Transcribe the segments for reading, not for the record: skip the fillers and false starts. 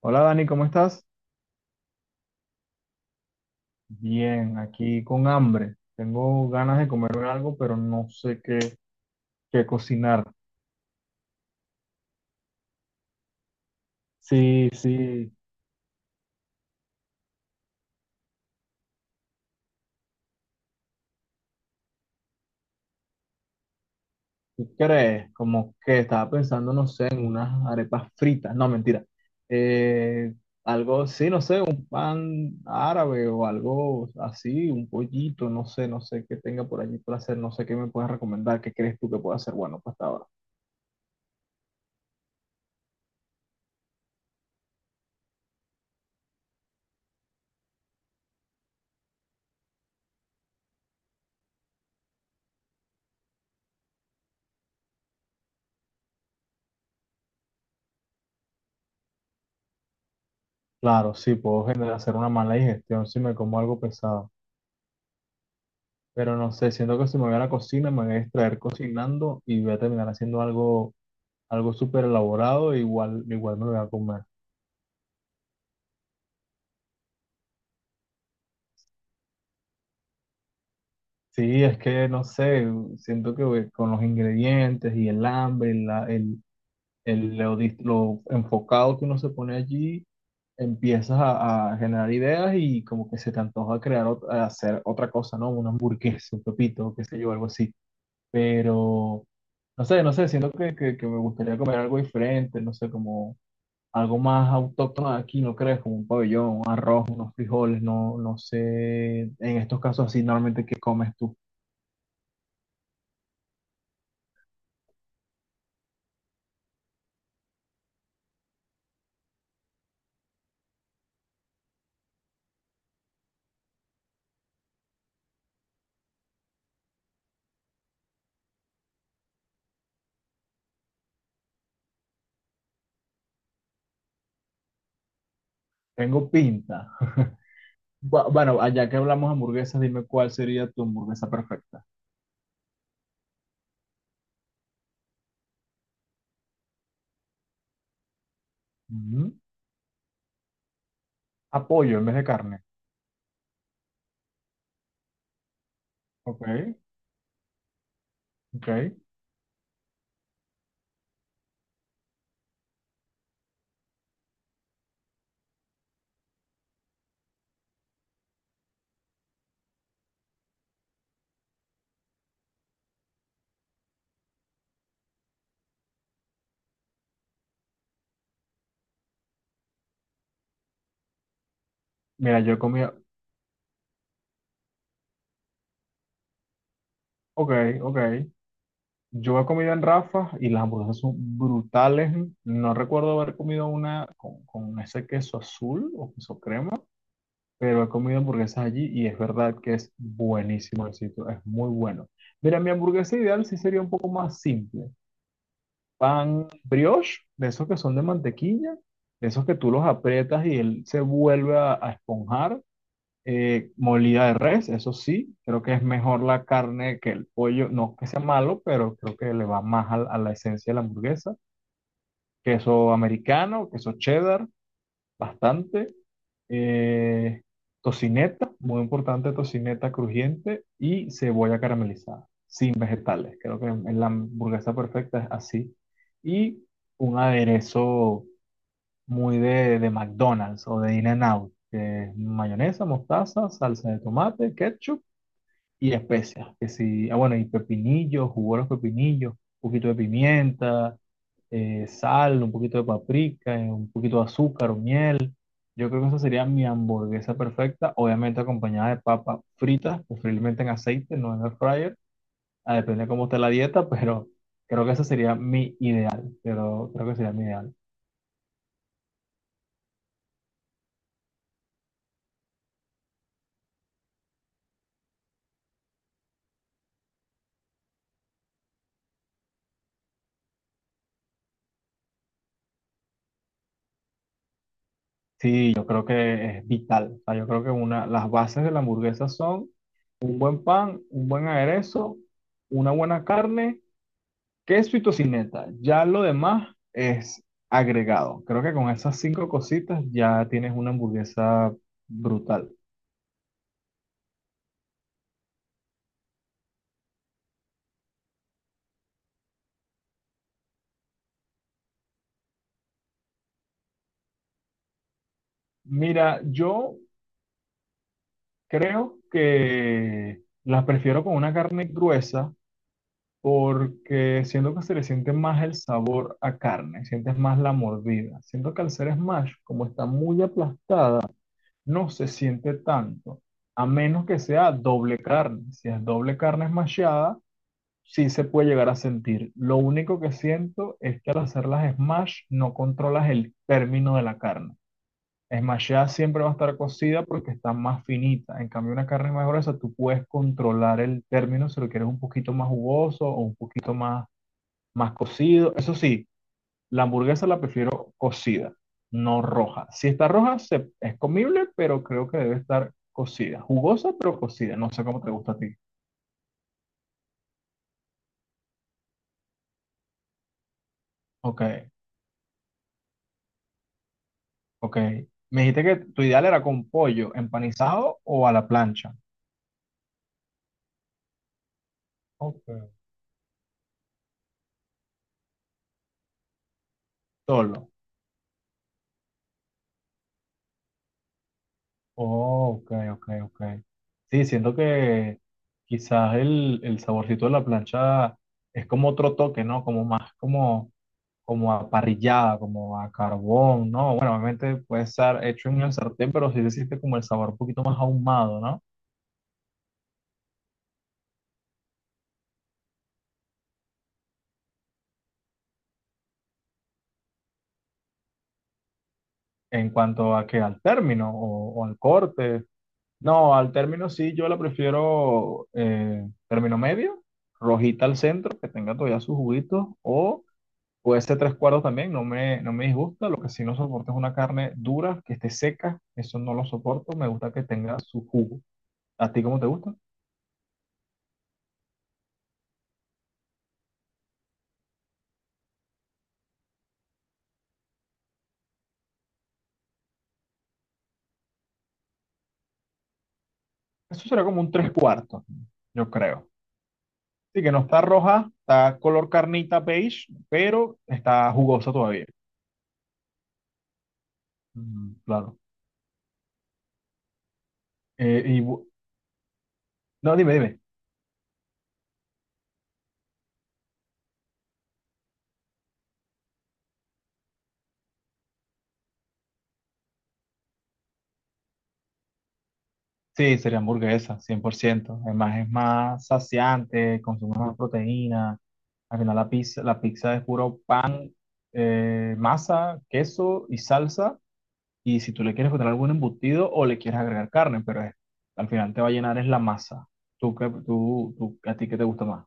Hola Dani, ¿cómo estás? Bien, aquí con hambre. Tengo ganas de comer algo, pero no sé qué cocinar. Sí, sí, ¿qué crees? Como que estaba pensando, no sé, en unas arepas fritas. No, mentira. Eh, Algo, sí, no sé, un pan árabe o algo así, un pollito, no sé, no sé qué tenga por allí para hacer, no sé qué me puedes recomendar, qué crees tú que pueda hacer bueno para esta hora. Claro, sí, puedo generar hacer una mala digestión si me como algo pesado. Pero no sé, siento que si me voy a la cocina, me voy a distraer cocinando y voy a terminar haciendo algo súper elaborado, e igual me lo voy a comer. Sí, es que no sé, siento que güey, con los ingredientes y el hambre, y lo enfocado que uno se pone allí, empiezas a generar ideas y como que se te antoja a hacer otra cosa, ¿no? Una hamburguesa, un pepito, qué sé yo, algo así. Pero no sé, siento que me gustaría comer algo diferente, no sé, como algo más autóctono de aquí, ¿no crees? Como un pabellón, un arroz, unos frijoles, no, no sé, en estos casos así, normalmente, ¿qué comes tú? Tengo pinta. Bueno, allá que hablamos de hamburguesas, dime cuál sería tu hamburguesa perfecta. Ujú. ¿A pollo en vez de carne? Ok, ok. Mira, yo he comido, ok, ok. Yo he comido en Rafa y las hamburguesas son brutales. No recuerdo haber comido una con ese queso azul o queso crema. Pero he comido hamburguesas allí y es verdad que es buenísimo el sitio, es muy bueno. Mira, mi hamburguesa ideal sí sería un poco más simple. Pan brioche, de esos que son de mantequilla, de esos que tú los aprietas y él se vuelve a esponjar. Molida de res, eso sí, creo que es mejor la carne que el pollo, no que sea malo, pero creo que le va más a la esencia de la hamburguesa. Queso americano, queso cheddar, bastante, eh, tocineta, muy importante, tocineta crujiente y cebolla caramelizada, sin vegetales. Creo que en la hamburguesa perfecta es así. Y un aderezo muy de McDonald's o de In-N-Out, que es mayonesa, mostaza, salsa de tomate, ketchup y especias. Que sí, ah, bueno, y pepinillos, jugo de los pepinillos, un poquito de pimienta, sal, un poquito de paprika, un poquito de azúcar o miel. Yo creo que esa sería mi hamburguesa perfecta, obviamente acompañada de papas fritas, preferiblemente en aceite, no en el fryer. Ah, depende de cómo esté la dieta, pero creo que esa sería mi ideal. Pero creo que sería mi ideal. Sí, yo creo que es vital. O sea, yo creo que una, las bases de la hamburguesa son un buen pan, un buen aderezo, una buena carne, queso y tocineta. Ya lo demás es agregado. Creo que con esas cinco cositas ya tienes una hamburguesa brutal. Mira, yo creo que las prefiero con una carne gruesa porque siento que se le siente más el sabor a carne, sientes más la mordida. Siento que al ser smash, como está muy aplastada, no se siente tanto, a menos que sea doble carne. Si es doble carne smashada, sí se puede llegar a sentir. Lo único que siento es que al hacer las smash no controlas el término de la carne. Es más, ya siempre va a estar cocida porque está más finita. En cambio, una carne más gruesa, tú puedes controlar el término si lo quieres un poquito más jugoso o un poquito más cocido. Eso sí, la hamburguesa la prefiero cocida, no roja. Si está roja, es comible, pero creo que debe estar cocida. Jugosa, pero cocida. No sé cómo te gusta a ti. Ok, ok. Me dijiste que tu ideal era con pollo empanizado o a la plancha. Ok. Solo. Oh, ok, ok, ok. Sí, siento que quizás el saborcito de la plancha es como otro toque, ¿no? Como más como a parrillada, como a carbón, ¿no? Bueno, obviamente puede estar hecho en el sartén, pero sí se siente como el sabor un poquito más ahumado, ¿no? ¿En cuanto a que al término o al corte? No, al término sí, yo la prefiero término medio, rojita al centro, que tenga todavía sus juguitos, o... Puede ser tres cuartos también, no me disgusta. Lo que sí no soporto es una carne dura, que esté seca. Eso no lo soporto. Me gusta que tenga su jugo. ¿A ti cómo te gusta? Eso será como un tres cuartos, yo creo. Sí, que no está roja, está color carnita beige, pero está jugosa todavía. Mm, claro. Eh, y, bu- no, dime, dime. Sí, sería hamburguesa, cien por ciento. Además, es más saciante, consume más proteína. Al final, la pizza es puro pan, masa, queso y salsa. Y si tú le quieres poner algún embutido o le quieres agregar carne, al final te va a llenar es la masa. ¿Tú, qué- tú- ¿A ti qué te gusta más?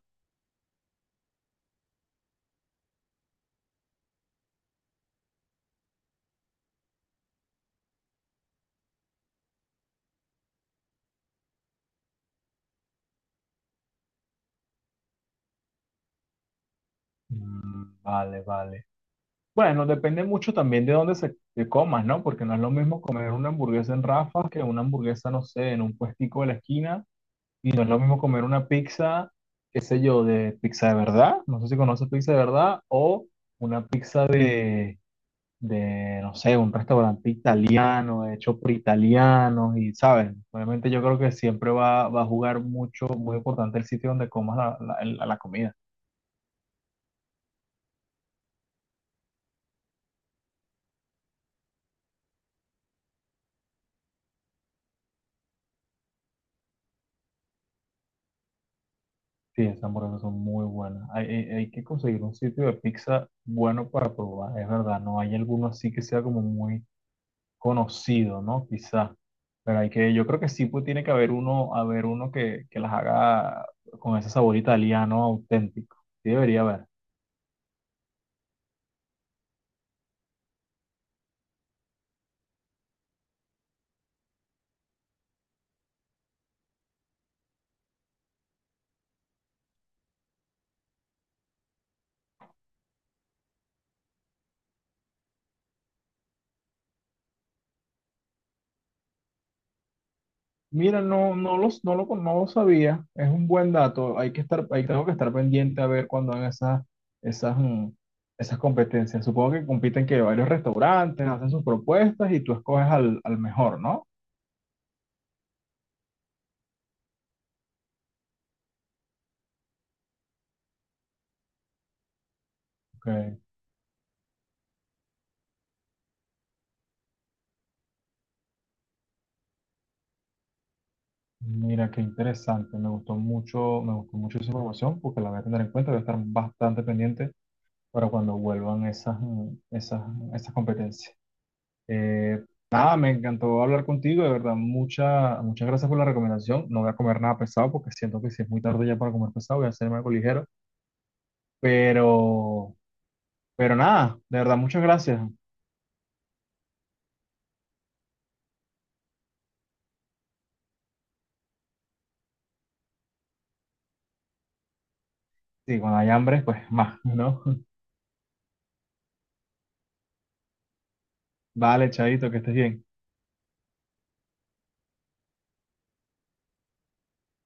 Mm, vale, vale. Bueno, depende mucho también de dónde se te comas, ¿no? Porque no es lo mismo comer una hamburguesa en Rafa que una hamburguesa, no sé, en un puestico de la esquina. Y no es lo mismo comer una pizza, qué sé yo, de pizza de verdad, no sé si conoces pizza de verdad, o una pizza no sé, un restaurante italiano, hecho por italianos, y sabes, obviamente yo creo que siempre va a jugar mucho, muy importante el sitio donde comas la comida. Sí, esas hamburguesas son muy buenas. Hay que conseguir un sitio de pizza bueno para probar, es verdad, no hay alguno así que sea como muy conocido, ¿no? Quizá. Pero hay que, yo creo que sí pues, tiene que haber uno que las haga con ese sabor italiano auténtico. Sí debería haber. Mira, no, no los, no lo, con- no lo sabía. Es un buen dato. Hay que estar, hay, Tengo que estar pendiente a ver cuando hagan esas, mm, esas competencias. Supongo que compiten que varios restaurantes hacen sus propuestas y tú escoges al mejor, ¿no? Ok. Mira, qué interesante. Me gustó mucho esa información porque la voy a tener en cuenta. Voy a estar bastante pendiente para cuando vuelvan esas, esas competencias. Eh, Nada, me encantó hablar contigo, de verdad, muchas gracias por la recomendación. No voy a comer nada pesado porque siento que si es muy tarde ya para comer pesado, voy a hacerme algo ligero. Pero, pero nada, de verdad, muchas gracias. Sí, cuando hay hambre, pues más, ¿no? Vale, Chaito, que estés bien.